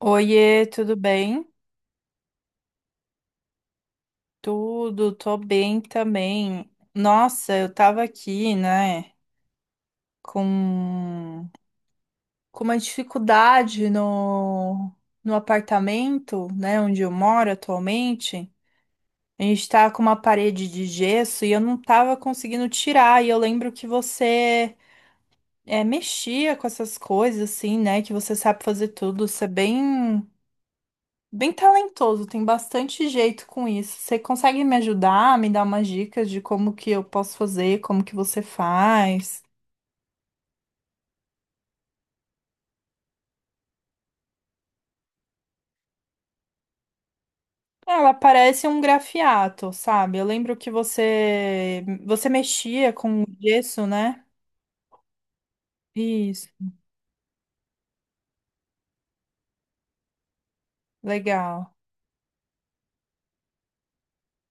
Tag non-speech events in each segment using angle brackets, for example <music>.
Oiê, tudo bem? Tudo, tô bem também. Nossa, eu tava aqui, né, com, com uma dificuldade no apartamento, né, onde eu moro atualmente. A gente tá com uma parede de gesso e eu não tava conseguindo tirar. E eu lembro que você mexia com essas coisas, assim, né, que você sabe fazer tudo. Você é bem talentoso, tem bastante jeito com isso. Você consegue me ajudar, me dar umas dicas de como que eu posso fazer, como que você faz? Ela parece um grafiato, sabe? Eu lembro que você mexia com gesso, né? Isso, legal.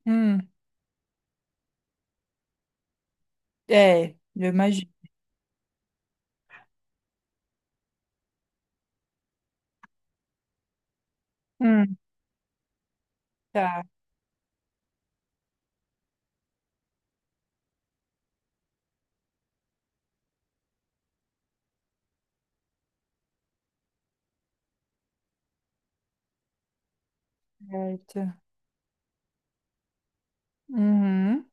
Hum, é, eu imagino. Hum, tá, certo. Uhum,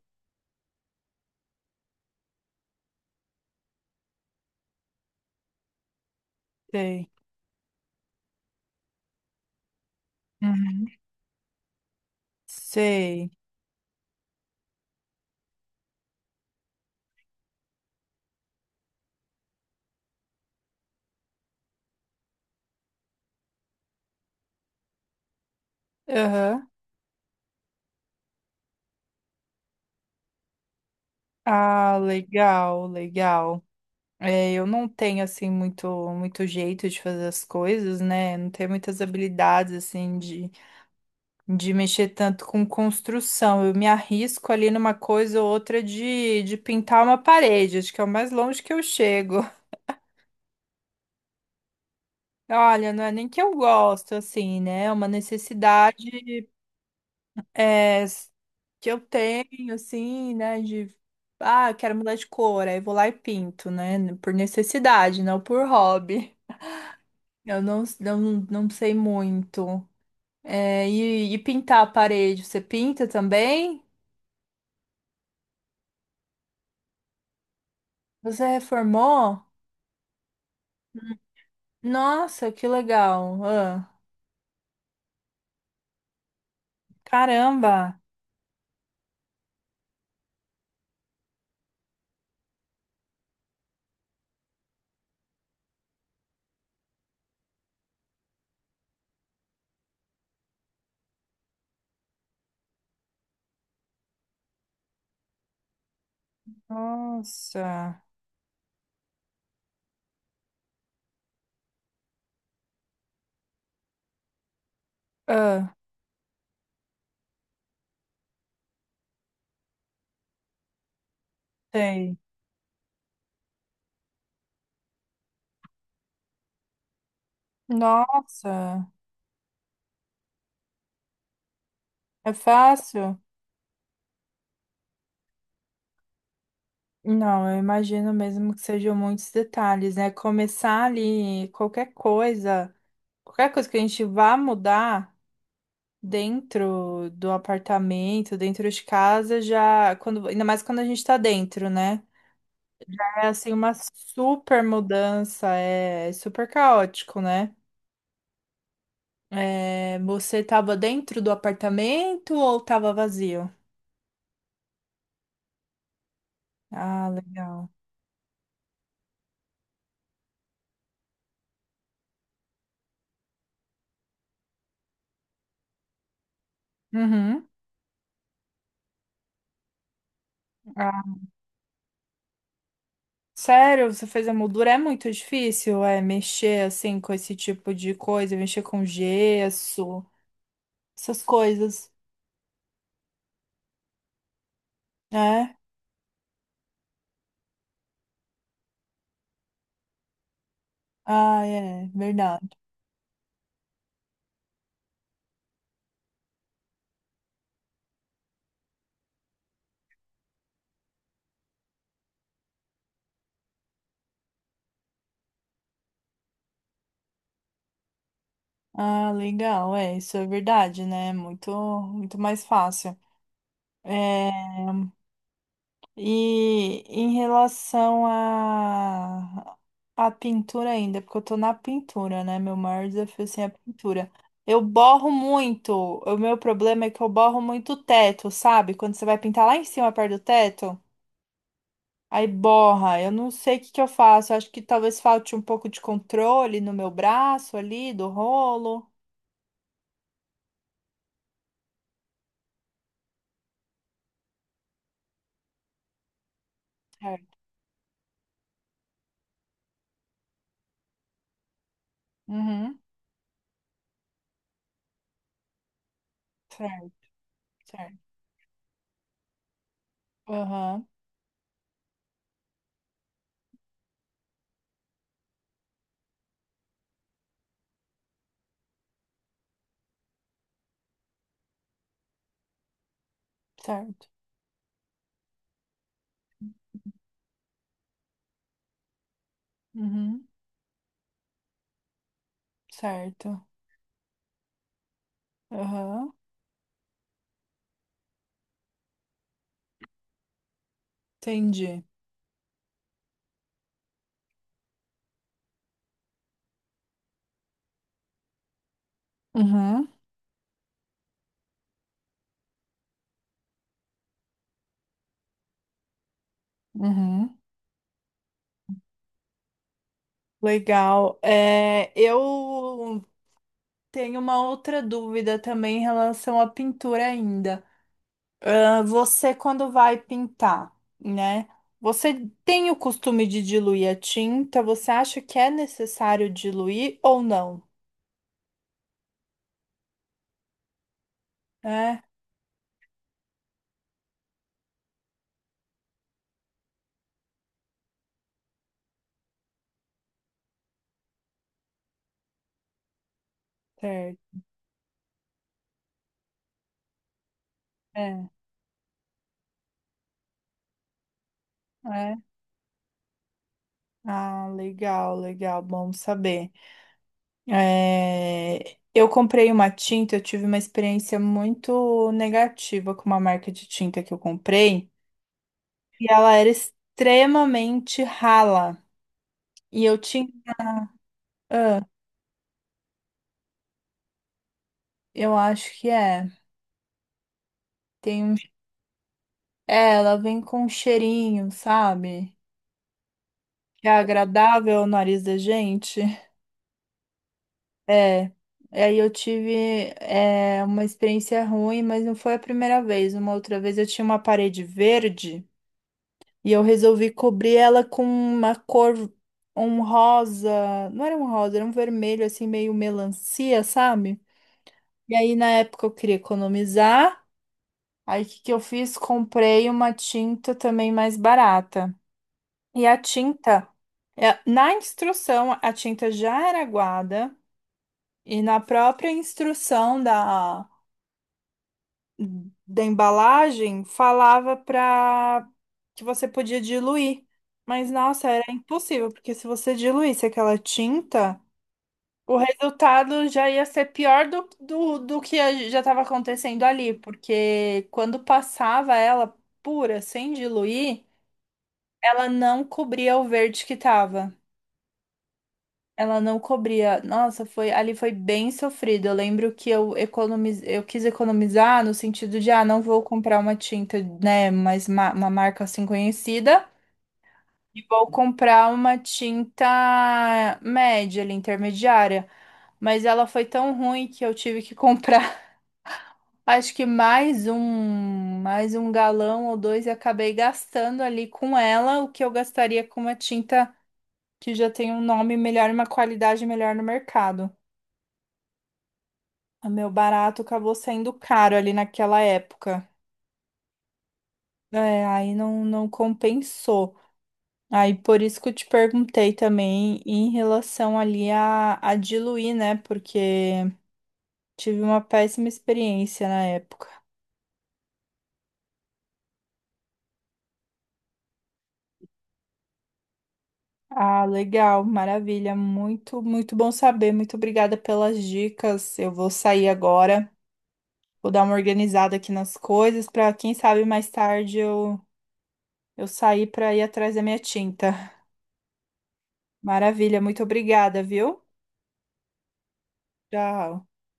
sei. Uhum, sei. Aham. Ah, legal, legal. É, eu não tenho assim muito jeito de fazer as coisas, né? Não tenho muitas habilidades assim de mexer tanto com construção. Eu me arrisco ali numa coisa ou outra de pintar uma parede, acho que é o mais longe que eu chego. <laughs> Olha, não é nem que eu gosto assim, né? É uma necessidade é, s- que eu tenho assim, né, de ah, eu quero mudar de cor, aí vou lá e pinto, né? Por necessidade, não por hobby. Eu não sei muito. É, e pintar a parede, você pinta também? Você reformou? Nossa, que legal! Ah, caramba! Nossa! Ah, sei. Nossa, é fácil? Não, eu imagino mesmo que sejam muitos detalhes, né? Começar ali qualquer coisa que a gente vá mudar dentro do apartamento, dentro de casa, já quando, ainda mais quando a gente tá dentro, né? É assim uma super mudança, é super caótico, né? É, você tava dentro do apartamento ou tava vazio? Ah, legal. Uhum. Ah, sério, você fez a moldura? É muito difícil, é mexer assim com esse tipo de coisa, mexer com gesso, essas coisas, né? Ah, é, verdade. Ah, legal, é, isso é verdade, né? É muito, muito mais fácil. É, e em relação à à pintura ainda, porque eu tô na pintura, né? Meu maior desafio assim, é a pintura. Eu borro muito. O meu problema é que eu borro muito o teto, sabe? Quando você vai pintar lá em cima, perto do teto, aí borra. Eu não sei o que que eu faço. Eu acho que talvez falte um pouco de controle no meu braço ali, do rolo. Certo. Uhum. Certo, certo. Aham, certo. Uhum, certo. Aham, entendi. Uhum, uhum. Legal. É, eu tenho uma outra dúvida também em relação à pintura ainda. Ah, você, quando vai pintar, né? Você tem o costume de diluir a tinta? Você acha que é necessário diluir ou não? É, certo. É, é. Ah, legal, legal. Bom saber. É, eu comprei uma tinta, eu tive uma experiência muito negativa com uma marca de tinta que eu comprei, e ela era extremamente rala. E eu tinha. Ah, eu acho que é. Tem um... É, ela vem com um cheirinho, sabe? Que é agradável ao nariz da gente. É. E aí eu tive uma experiência ruim, mas não foi a primeira vez. Uma outra vez eu tinha uma parede verde. E eu resolvi cobrir ela com uma cor, um rosa, não era um rosa, era um vermelho assim meio melancia, sabe? E aí na época eu queria economizar. Aí o que que eu fiz? Comprei uma tinta também mais barata. E a tinta, é, na instrução, a tinta já era aguada e na própria instrução da da embalagem falava para que você podia diluir. Mas nossa, era impossível, porque se você diluísse aquela tinta, o resultado já ia ser pior do que já estava acontecendo ali, porque quando passava ela pura, sem diluir, ela não cobria o verde que estava. Ela não cobria. Nossa, foi ali foi bem sofrido. Eu lembro que eu eu quis economizar no sentido de, ah, não vou comprar uma tinta, né, mas uma marca assim conhecida e vou comprar uma tinta média, ali, intermediária. Mas ela foi tão ruim que eu tive que comprar, <laughs> acho que mais um galão ou dois e acabei gastando ali com ela o que eu gastaria com uma tinta que já tem um nome melhor e uma qualidade melhor no mercado. O meu barato acabou saindo caro ali naquela época. É, aí não compensou. Aí por isso que eu te perguntei também em relação ali a diluir, né? Porque tive uma péssima experiência na época. Ah, legal, maravilha. Muito, muito bom saber. Muito obrigada pelas dicas. Eu vou sair agora, vou dar uma organizada aqui nas coisas para quem sabe mais tarde eu sair para ir atrás da minha tinta. Maravilha, muito obrigada, viu? Tchau.